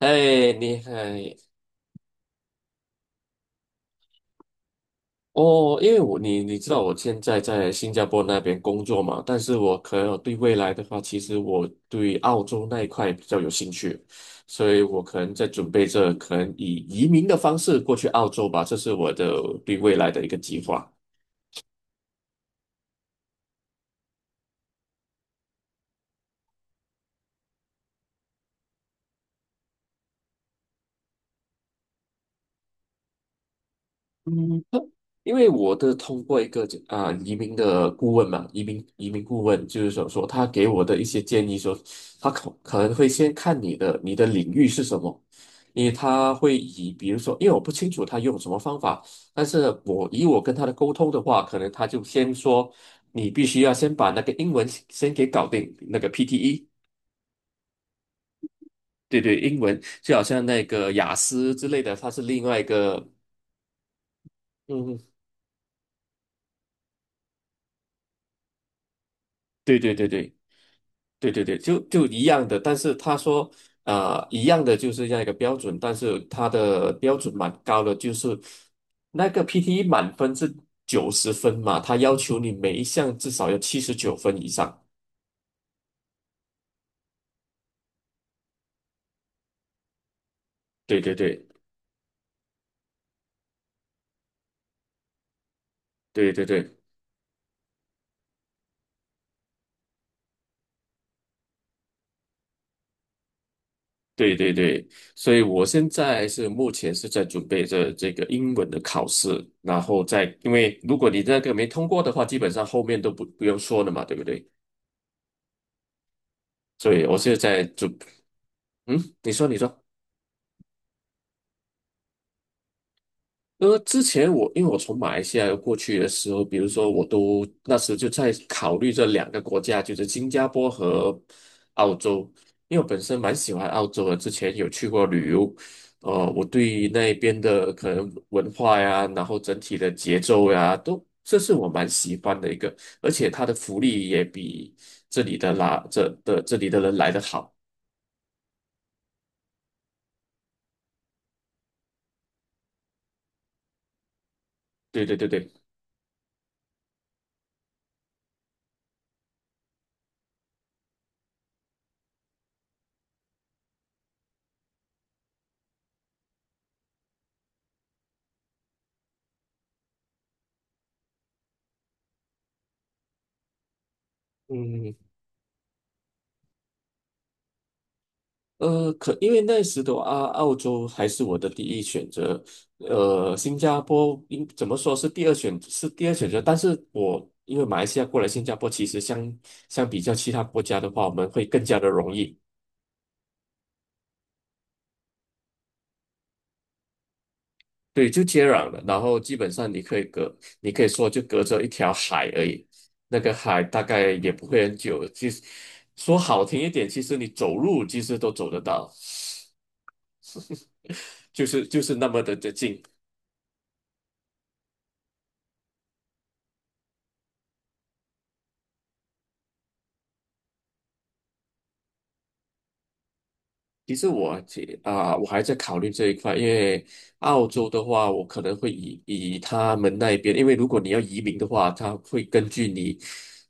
哎，你还哦，因为你知道我现在在新加坡那边工作嘛，但是我可能对未来的话，其实我对澳洲那一块比较有兴趣，所以我可能在准备着，可能以移民的方式过去澳洲吧，这是我的对未来的一个计划。因为我的通过一个移民的顾问嘛，移民顾问就是说他给我的一些建议说，他可能会先看你的领域是什么，因为他会以比如说，因为我不清楚他用什么方法，但是我以我跟他的沟通的话，可能他就先说你必须要先把那个英文先给搞定，那个 PTE，对对，英文就好像那个雅思之类的，它是另外一个，嗯，对对对对。对对对，就一样的，但是他说，一样的就是这样一个标准，但是他的标准蛮高的，就是那个 PTE 满分是九十分嘛，他要求你每一项至少要七十九分以上。对对对对对对对对对，所以我现在是目前是在准备着这个英文的考试，然后再因为如果你那个没通过的话，基本上后面都不用说了嘛，对不对？所以我现在在准，嗯，你说你说。呃，之前因为我从马来西亚过去的时候，比如说我都那时就在考虑这两个国家，就是新加坡和澳洲，因为我本身蛮喜欢澳洲的，之前有去过旅游，呃，我对那边的可能文化呀，然后整体的节奏呀，都这是我蛮喜欢的一个，而且它的福利也比这里的人来的好，对对对对。嗯，呃，可因为那时的澳洲还是我的第一选择，呃，新加坡应怎么说是第二选择，但是我因为马来西亚过来新加坡，其实相比较其他国家的话，我们会更加的容易，对，就接壤了，然后基本上你可以隔，你可以说就隔着一条海而已，那个海大概也不会很久，其实说好听一点，其实你走路其实都走得到，就是那么的近。其实我这啊、我还在考虑这一块，因为澳洲的话，我可能会以他们那边，因为如果你要移民的话，他会根据你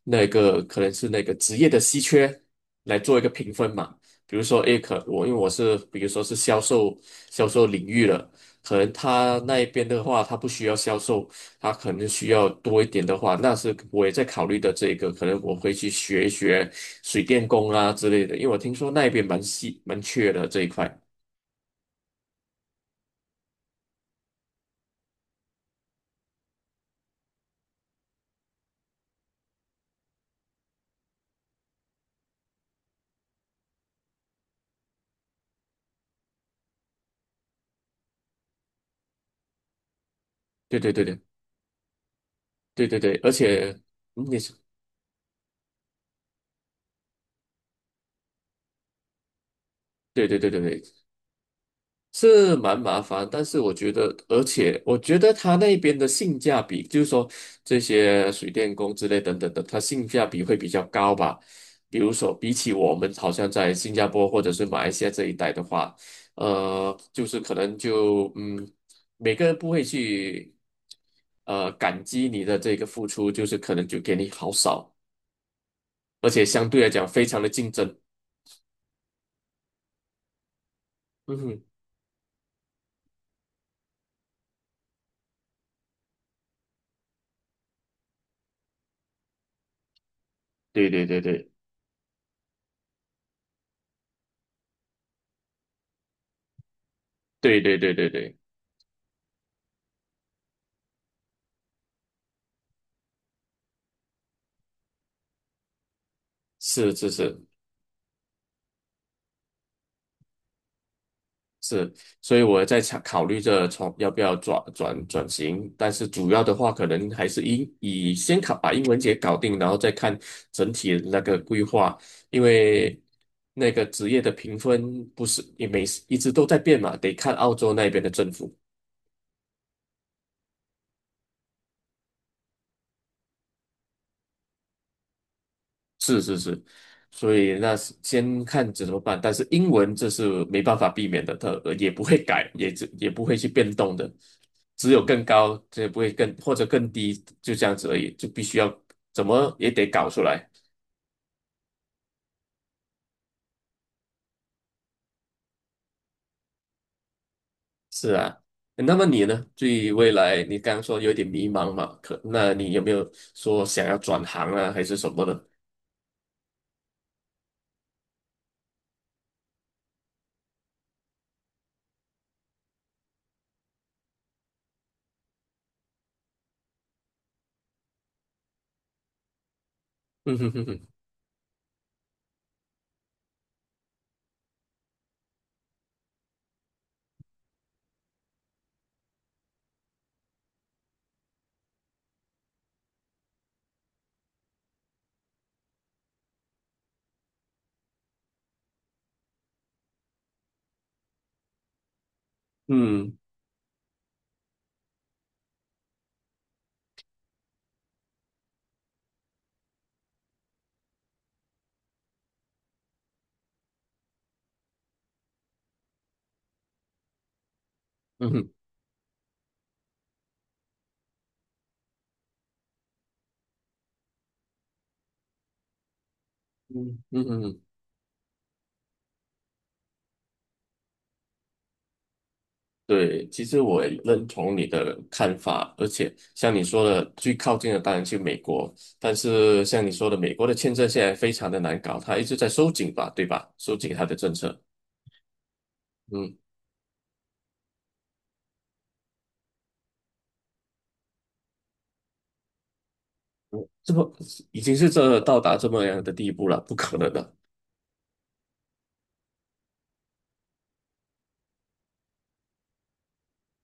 那个可能是那个职业的稀缺来做一个评分嘛。比如说，诶，可我因为我是比如说是销售领域了，可能他那一边的话，他不需要销售，他可能需要多一点的话，那是我也在考虑的这个，可能我会去学一学水电工啊之类的，因为我听说那边蛮稀蛮缺的这一块。对对对对对对对，而且嗯你是对对对对对，是蛮麻烦，但是我觉得，而且我觉得他那边的性价比，就是说这些水电工之类等等的，它性价比会比较高吧。比如说，比起我们好像在新加坡或者是马来西亚这一带的话，呃，就是可能就嗯，每个人不会去呃感激你的这个付出，就是可能就给你好少，而且相对来讲非常的竞争。嗯哼，对对对对对对对对对，是是是。是，所以我在想考虑着从要不要转转转型，但是主要的话，可能还是以先考把英文节搞定，然后再看整体的那个规划，因为那个职业的评分不是也一直都在变嘛，得看澳洲那边的政府。是是是，所以那是先看怎么办。但是英文这是没办法避免的，它呃也不会改，也只也不会去变动的，只有更高，这也不会更或者更低，就这样子而已，就必须要怎么也得搞出来。是啊，那么你呢？对于未来，你刚刚说有点迷茫嘛？可那你有没有说想要转行啊，还是什么的？嗯哼哼哼，嗯嗯哼嗯嗯嗯哼对，其实我也认同你的看法，而且像你说的，最靠近的当然去美国，但是像你说的，美国的签证现在非常的难搞，它一直在收紧吧，对吧？收紧它的政策，嗯，这么已经是这到达这么样的地步了，不可能的，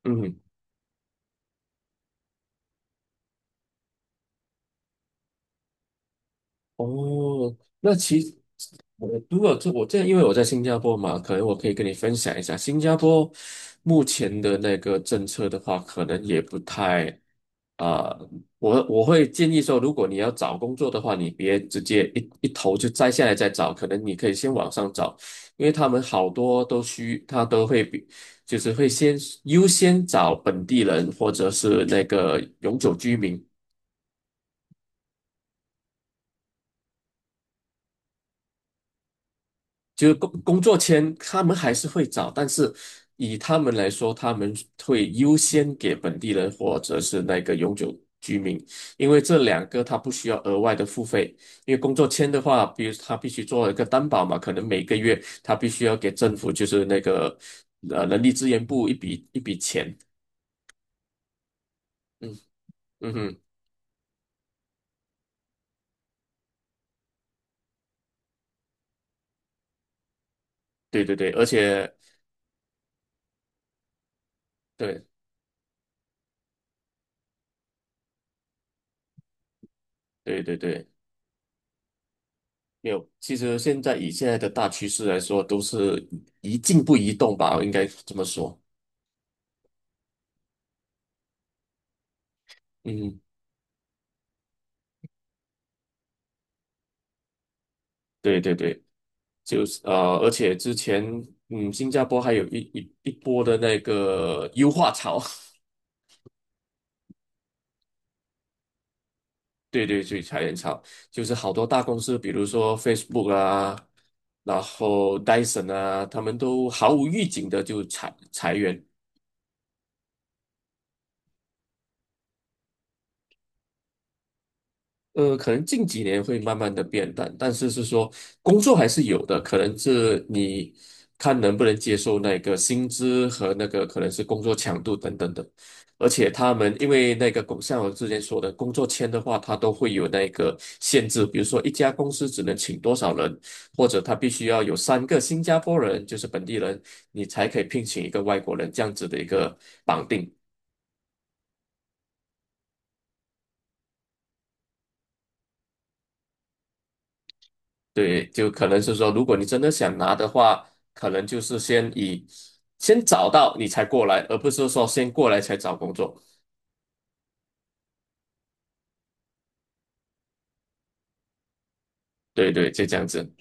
嗯。哦，那其实我如果这我这因为我在新加坡嘛，可能我可以跟你分享一下新加坡目前的那个政策的话，可能也不太啊、我会建议说，如果你要找工作的话，你别直接一头就摘下来再找，可能你可以先网上找，因为他们好多都需他都会比就是会先优先找本地人或者是那个永久居民。就是工作签，他们还是会找，但是以他们来说，他们会优先给本地人或者是那个永久居民，因为这两个他不需要额外的付费。因为工作签的话，比如他必须做一个担保嘛，可能每个月他必须要给政府就是那个呃人力资源部一笔一笔钱。嗯嗯哼，对对对，而且对对对对。没有，其实现在以现在的大趋势来说，都是一静不移动吧，应该这么说。嗯，对对对，就是呃，而且之前嗯，新加坡还有一一一波的那个优化潮，对对对，裁员潮，就是好多大公司，比如说 Facebook 啊，然后 Dyson 啊，他们都毫无预警的就裁员。呃，可能近几年会慢慢的变淡，但是是说工作还是有的，可能是你看能不能接受那个薪资和那个可能是工作强度等等的，而且他们因为那个工像我之前说的工作签的话，它都会有那个限制，比如说一家公司只能请多少人，或者他必须要有三个新加坡人，就是本地人，你才可以聘请一个外国人这样子的一个绑定。对，就可能是说，如果你真的想拿的话，可能就是先以先找到你才过来，而不是说先过来才找工作。对对，就这样子。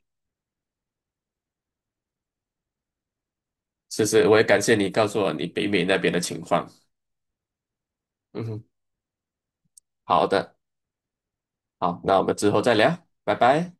是是，我也感谢你告诉我你北美那边的情况。嗯哼，好的，好，那我们之后再聊，拜拜。